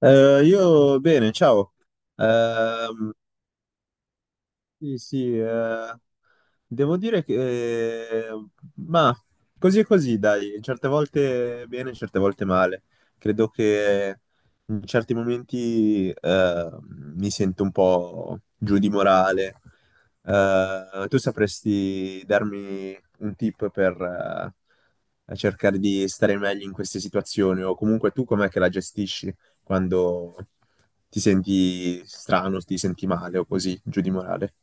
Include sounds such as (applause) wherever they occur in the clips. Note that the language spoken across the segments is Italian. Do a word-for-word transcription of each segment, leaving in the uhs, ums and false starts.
Eh, io bene, ciao. Ehm, sì, sì, eh, Devo dire che, eh, ma così e così, dai, certe volte bene, certe volte male. Credo che in certi momenti eh, mi sento un po' giù di morale. Eh, tu sapresti darmi un tip per eh, cercare di stare meglio in queste situazioni, o comunque tu com'è che la gestisci quando ti senti strano, ti senti male o così, giù di morale?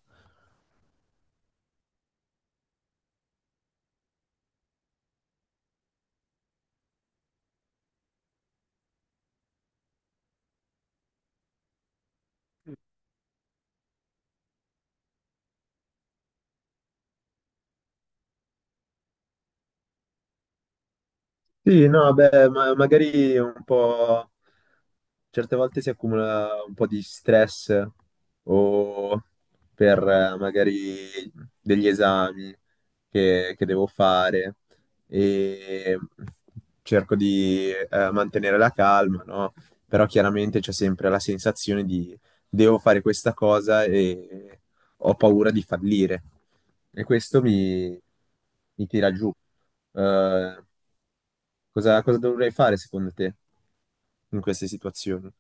Sì, no, beh, ma- magari un po', certe volte si accumula un po' di stress o per eh, magari degli esami che, che devo fare e cerco di eh, mantenere la calma, no? Però chiaramente c'è sempre la sensazione di devo fare questa cosa e ho paura di fallire e questo mi mi tira giù. Eh, cosa, cosa dovrei fare secondo te in queste situazioni?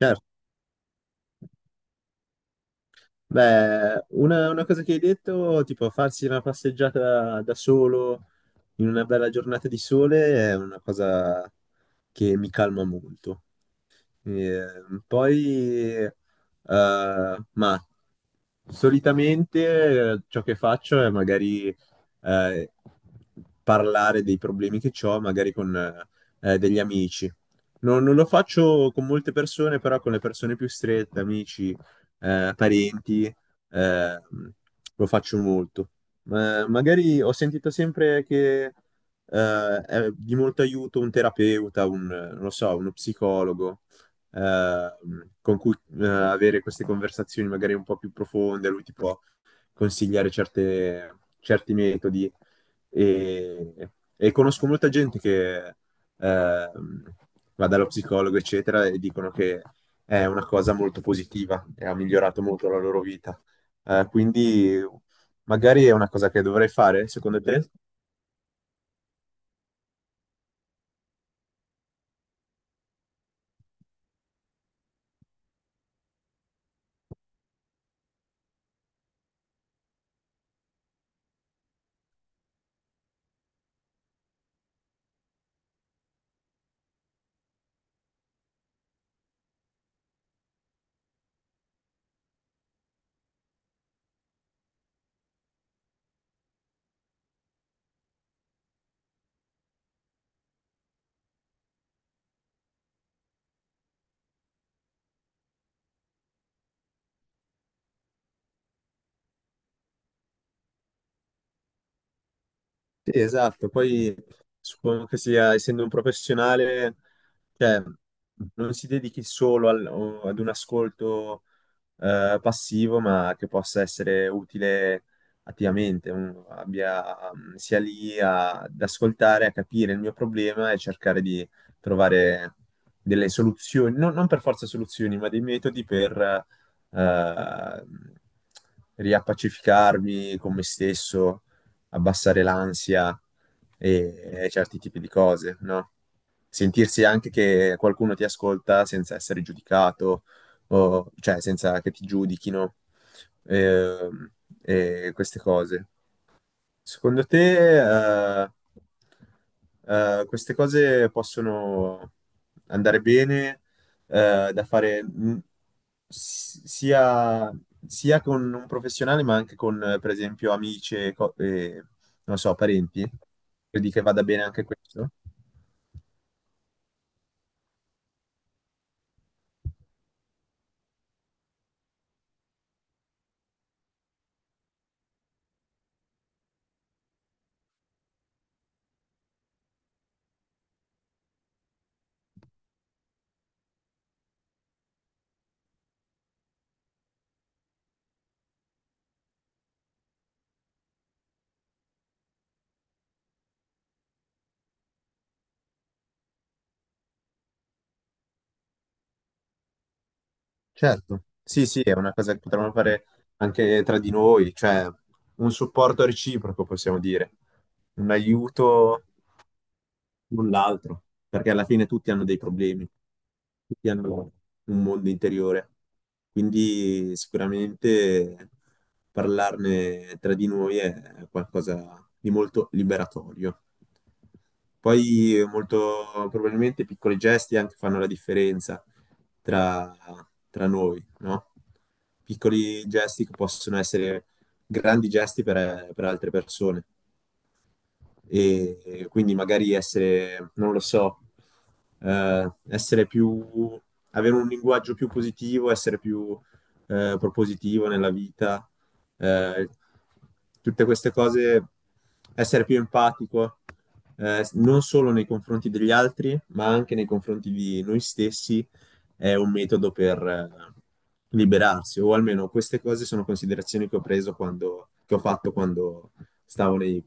Certo, beh, una, una cosa che hai detto, tipo farsi una passeggiata da solo in una bella giornata di sole è una cosa che mi calma molto. Ehm, poi, eh, ma solitamente eh, ciò che faccio è magari eh, parlare dei problemi che ho, magari con eh, degli amici. Non, non lo faccio con molte persone, però con le persone più strette, amici, eh, parenti, eh, lo faccio molto. Ma magari ho sentito sempre che eh, è di molto aiuto un terapeuta, un, non lo so, uno psicologo eh, con cui eh, avere queste conversazioni magari un po' più profonde, lui ti può consigliare certe- certi metodi e, e conosco molta gente che ehm, va dallo psicologo, eccetera, e dicono che è una cosa molto positiva e ha migliorato molto la loro vita. Eh, quindi magari è una cosa che dovrei fare, secondo te? Sì, esatto, poi suppongo che sia, essendo un professionale, cioè, non si dedichi solo al- o- ad un ascolto eh, passivo, ma che possa essere utile attivamente, un- abbia, mm, sia lì a- ad ascoltare, a capire il mio problema e cercare di trovare delle soluzioni, non, non per forza soluzioni, ma dei metodi per eh, riappacificarmi con me stesso, abbassare l'ansia e, e certi tipi di cose, no? Sentirsi anche che qualcuno ti ascolta senza essere giudicato o- cioè senza che ti giudichino ehm, e queste cose. Secondo te, eh, eh, queste cose possono andare bene, eh, da fare mh, s- sia, sia con un professionale, ma anche con, eh, per esempio, amici e, co- e, non so, parenti? Credi che vada bene anche questo? Certo, sì, sì, è una cosa che potremmo fare anche tra di noi, cioè un supporto reciproco, possiamo dire, un aiuto null'altro, perché alla fine tutti hanno dei problemi, tutti hanno un mondo interiore. Quindi sicuramente parlarne tra di noi è qualcosa di molto liberatorio. Poi molto probabilmente piccoli gesti anche fanno la differenza tra, tra noi, no? Piccoli gesti che possono essere grandi gesti per, per altre persone e, e quindi magari essere, non lo so, eh, essere più, avere un linguaggio più positivo, essere più eh, propositivo nella vita, eh, tutte queste cose, essere più empatico, eh, non solo nei confronti degli altri, ma anche nei confronti di noi stessi, è un metodo per eh, liberarsi, o almeno queste cose sono considerazioni che ho preso quando, che ho fatto quando stavo nei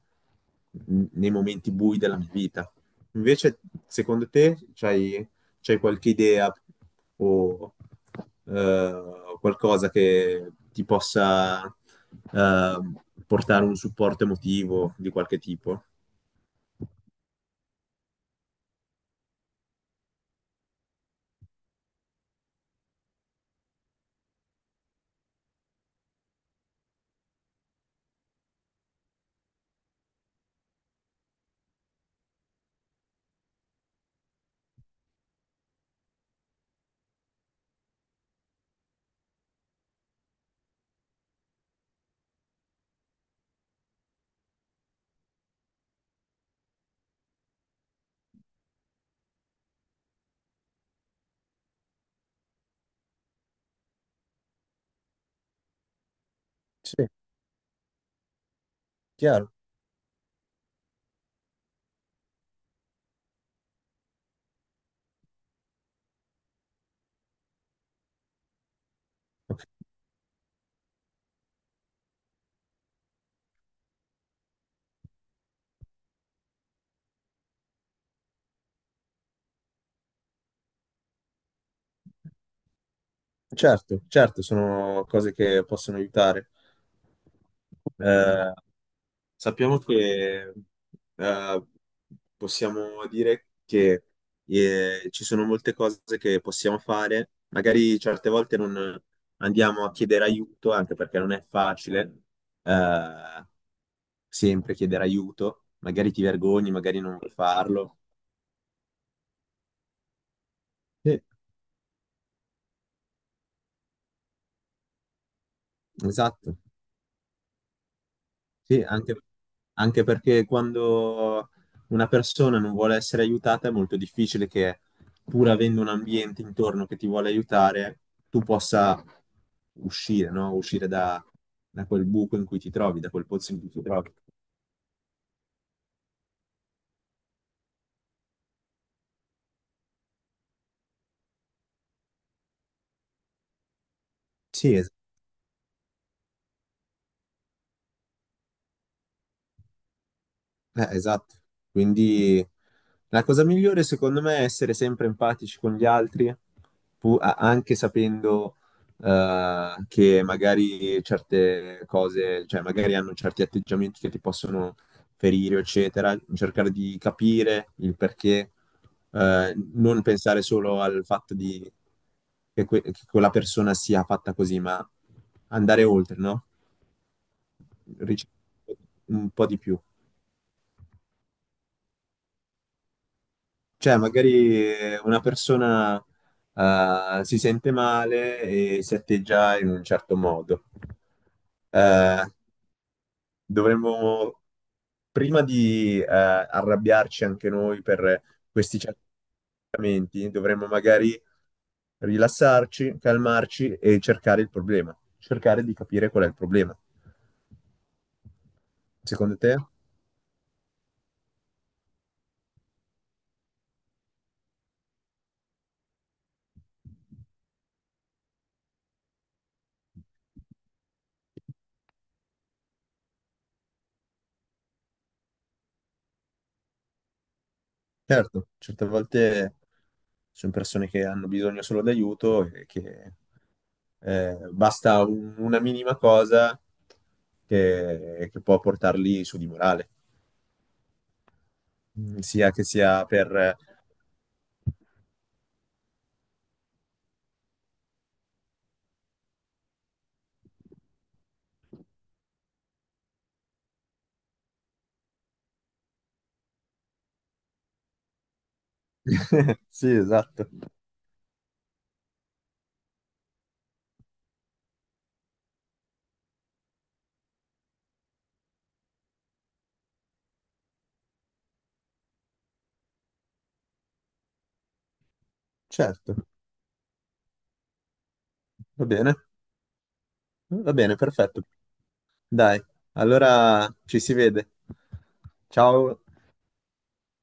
n- nei momenti bui della mia vita. Invece, secondo te, c'hai, c'hai qualche idea o eh, qualcosa che ti possa eh, portare un supporto emotivo di qualche tipo? Sì, chiaro. Certo, certo, sono cose che possono aiutare. Eh, Sappiamo che eh, possiamo dire che eh, ci sono molte cose che possiamo fare, magari certe volte non andiamo a chiedere aiuto, anche perché non è facile eh, sempre chiedere aiuto, magari ti vergogni, magari non vuoi farlo. Sì, esatto. Sì, anche, anche perché quando una persona non vuole essere aiutata è molto difficile che, pur avendo un ambiente intorno che ti vuole aiutare, tu possa uscire, no? Uscire da, da quel buco in cui ti trovi, da quel pozzo in cui ti trovi. Sì, esatto. Eh, esatto. Quindi la cosa migliore secondo me è essere sempre empatici con gli altri, pu- a- anche sapendo eh, che magari certe cose, cioè magari hanno certi atteggiamenti che ti possono ferire, eccetera. Cercare di capire il perché, eh, non pensare solo al fatto di che, que- che quella persona sia fatta così, ma andare oltre, no? Ricercare un po' di più. Cioè, magari eh, una persona eh, si sente male e si atteggia in un certo modo. Eh, Dovremmo, prima di eh, arrabbiarci anche noi per questi certi atteggiamenti, dovremmo magari rilassarci, calmarci e cercare il problema, cercare di capire qual è il problema. Secondo te? Certo, certe volte ci sono persone che hanno bisogno solo d'aiuto e che eh, basta un- una minima cosa che, che può portarli su di morale. Mm, sia che sia per... (laughs) Sì, esatto, certo, va bene, va bene, perfetto. Dai, allora ci si vede. Ciao.